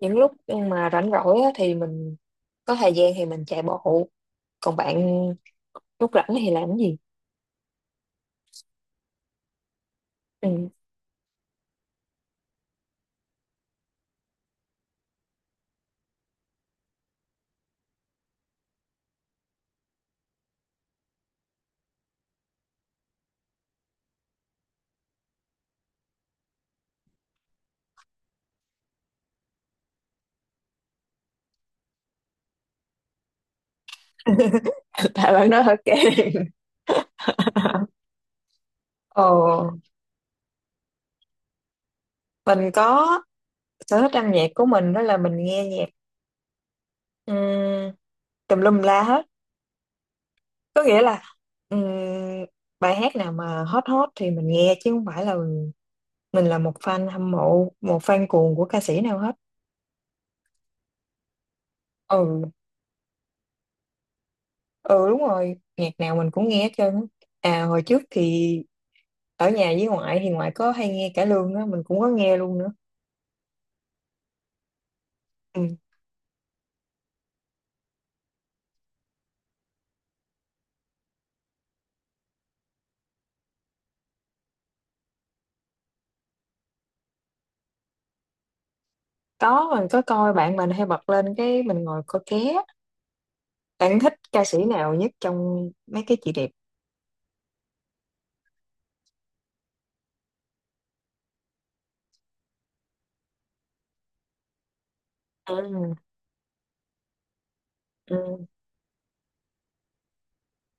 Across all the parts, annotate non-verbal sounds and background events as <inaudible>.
Những lúc mà rảnh rỗi á, thì mình có thời gian thì mình chạy bộ. Còn bạn lúc rảnh thì làm cái gì? Ừ. <laughs> Tại bạn nói hơi kém. <laughs> Ồ, mình có, sở thích âm nhạc của mình đó là mình nghe nhạc um, tùm lum la hết. Có nghĩa là ừm, bài hát nào mà hot hot thì mình nghe chứ không phải là mình là một fan hâm mộ, một fan cuồng của ca sĩ nào hết. Ừ, ừ đúng rồi, nhạc nào mình cũng nghe hết trơn á. À, hồi trước thì ở nhà với ngoại thì ngoại có hay nghe cải lương á, mình cũng có nghe luôn nữa. Ừ. Có, mình có coi, bạn mình hay bật lên cái mình ngồi coi ké. Bạn thích ca sĩ nào nhất trong mấy cái chị đẹp? Ừ. Ừ.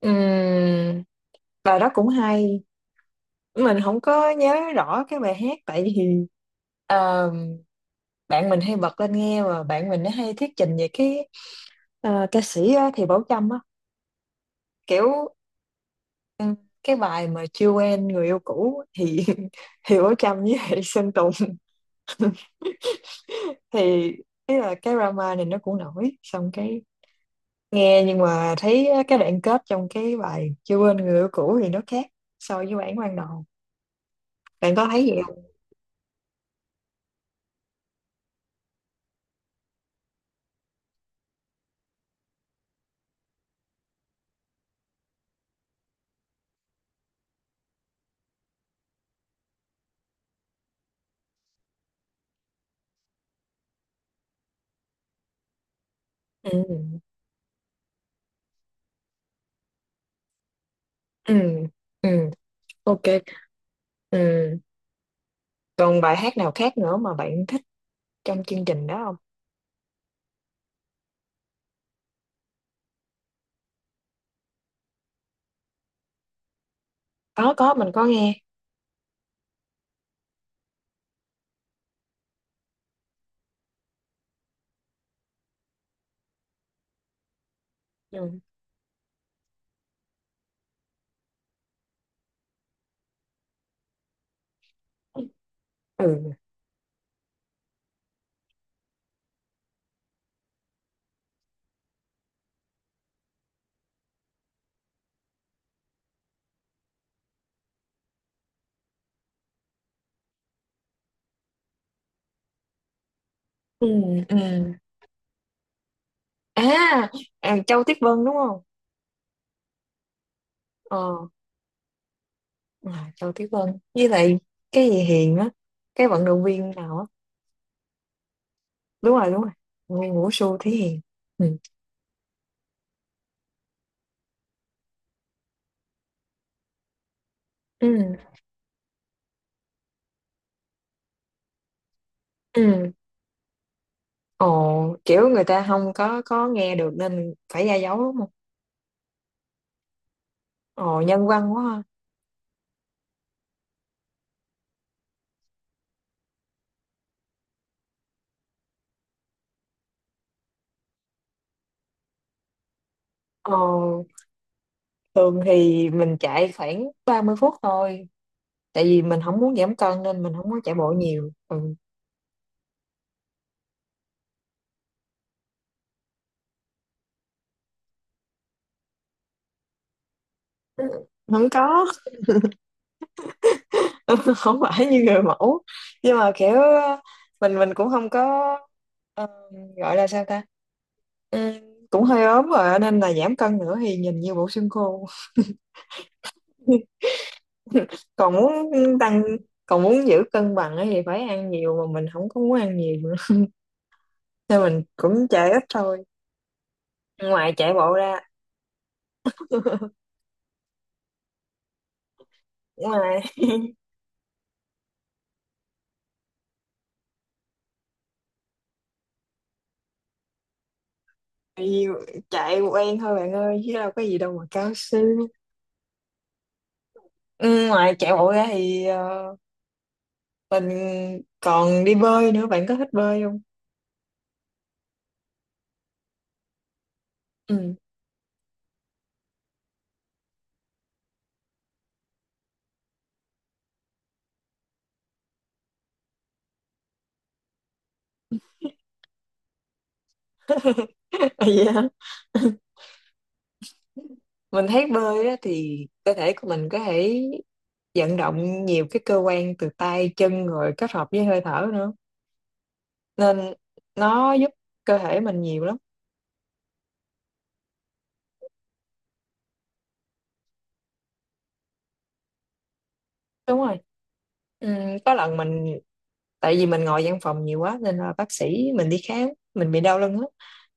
Ừ. Bài đó cũng hay, mình không có nhớ rõ cái bài hát tại vì ờ, bạn mình hay bật lên nghe mà bạn mình nó hay thuyết trình về cái ca sĩ á, thì Bảo Trâm á, kiểu ừ, cái bài mà chưa quen người yêu cũ thì <laughs> thì Bảo Trâm với lại Sơn Tùng thì ý là cái drama này nó cũng nổi, xong cái nghe nhưng mà thấy cái đoạn kết trong cái bài chưa quên người yêu cũ thì nó khác so với bản ban đầu. Bạn có thấy vậy không? Ừ. Ừ. Ừ. Ok. Ừ. Còn bài hát nào khác nữa mà bạn thích trong chương trình đó không? Có, có mình có nghe. Ừ. Ừ. Ừ. Ừ. À, à Châu Tuyết Vân đúng không? Ờ. À, Châu Tuyết Vân với lại cái gì Hiền á, cái vận động viên nào á. Đúng rồi, đúng rồi, nguyên Vũ Xu Thí Hiền. Ừ. Ừ. Ừ. Ồ, kiểu người ta không có, có nghe được nên phải ra dấu đúng không? Ồ, nhân văn quá ha. Ồ, thường thì mình chạy khoảng 30 phút thôi, tại vì mình không muốn giảm cân nên mình không có chạy bộ nhiều. Ừ. Không có. <laughs> Không phải như người mẫu nhưng mà kiểu mình cũng không có, ờ, gọi là sao ta? Ừ, cũng hơi ốm rồi nên là giảm cân nữa thì nhìn như bộ xương khô. <laughs> <laughs> Còn muốn tăng, còn muốn giữ cân bằng ấy thì phải ăn nhiều mà mình không có muốn ăn nhiều nữa, nên mình cũng chạy ít thôi. Ngoài chạy bộ ra, ngoài chạy quen thôi bạn ơi chứ đâu có gì đâu mà cao siêu. Ừ, ngoài chạy bộ ra thì mình còn đi bơi nữa. Bạn có thích bơi không? Ừ. <laughs> Vậy hả? <laughs> Mình thấy bơi á, thì cơ thể của mình có thể vận động nhiều cái cơ quan từ tay chân rồi kết hợp với hơi thở nữa, nên nó giúp cơ thể mình nhiều lắm. Đúng rồi. Ừm, có lần mình, tại vì mình ngồi văn phòng nhiều quá nên là bác sĩ, mình đi khám mình bị đau lưng á,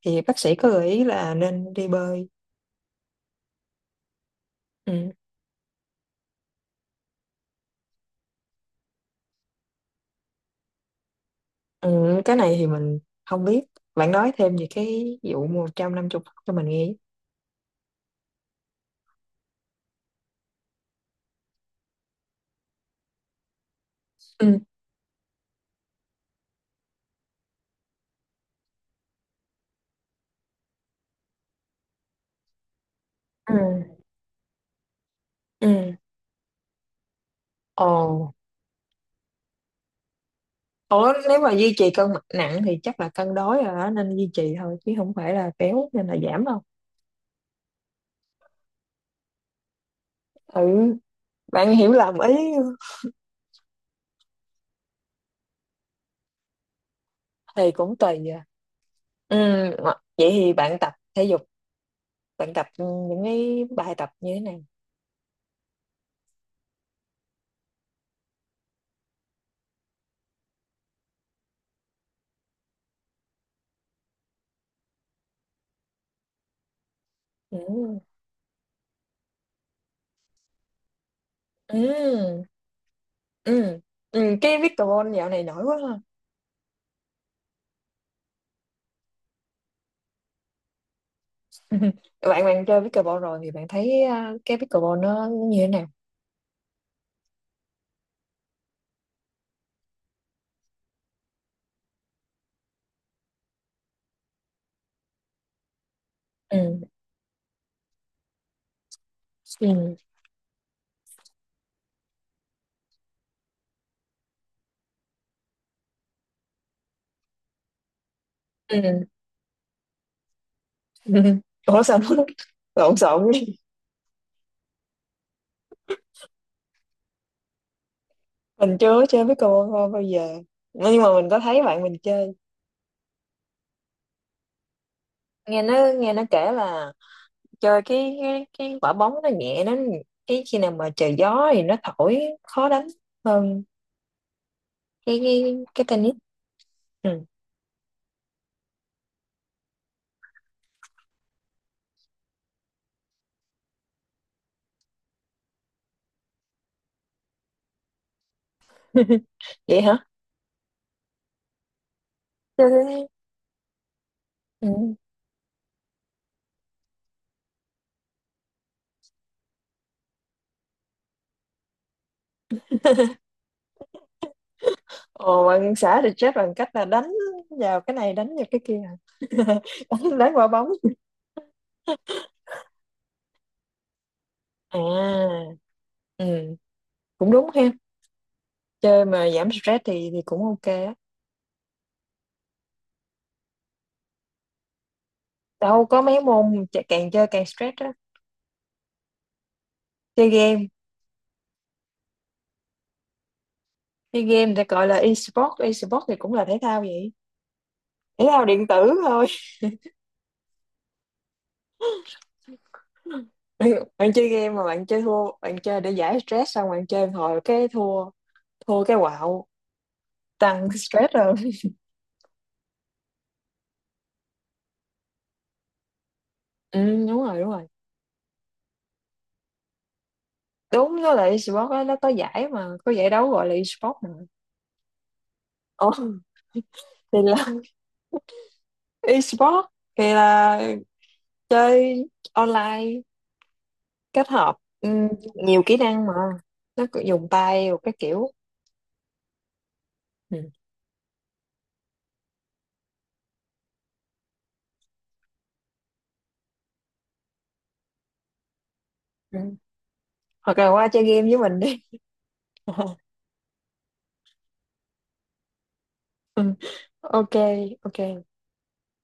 thì bác sĩ có gợi ý là nên đi bơi. Ừ. Ừ, cái này thì mình không biết, bạn nói thêm về cái vụ 150 cho mình nghe. Ừ. Ừ. Ừ. Ồ. Ủa nếu mà duy trì cân nặng thì chắc là cân đối rồi đó, nên duy trì thôi chứ không phải là béo nên là giảm đâu. Ừ, bạn hiểu lầm ý. Thì cũng tùy à. Ừ, vậy thì bạn tập thể dục, bạn tập những cái bài tập như thế này. Ừ. Ừ. Ừ. Ừ. Cái pickleball dạo này nổi quá ha. <laughs> Bạn bạn chơi pickleball rồi thì bạn thấy à, cái pickleball nó như thế nào? Ừ. Ừ. Ừ. <laughs> Ừ. Ủa sao nó <laughs> lộn xộn quá? Mình chưa có chơi pickleball bao bao giờ. Nhưng mà mình có thấy bạn mình chơi. Nghe nó kể là chơi cái quả bóng nó nhẹ nó, cái khi nào mà trời gió thì nó thổi khó đánh hơn cái cái cái tennis. Ừ. <laughs> Vậy hả? Chơi thế. Ừ. <laughs> Ồ, bạn xã thì chết bằng cách là đánh vào cái này đánh vào cái kia hả? <laughs> Đánh, đánh quả bóng. À. Ừ, cũng đúng ha, chơi mà giảm stress thì cũng ok á. Đâu có, mấy môn càng chơi càng stress á. Chơi game. Chơi game thì gọi là e-sport, e-sport thì cũng là thể thao vậy. Thể thao điện tử thôi. <laughs> bạn bạn chơi game mà bạn chơi thua, bạn chơi để giải stress xong bạn chơi một hồi cái thua, thua cái quạo tăng stress rồi. Ừ, đúng rồi đúng rồi. Đúng, với lại esports á, nó có giải mà có giải đấu gọi là esports mà. Ồ, thì là <laughs> esports thì là chơi online kết hợp ừ, nhiều kỹ năng mà, nó cứ dùng tay rồi các kiểu. Ừ. Ừ. Hoặc là qua chơi game với mình đi. <laughs> Ừ. Ok. Ok.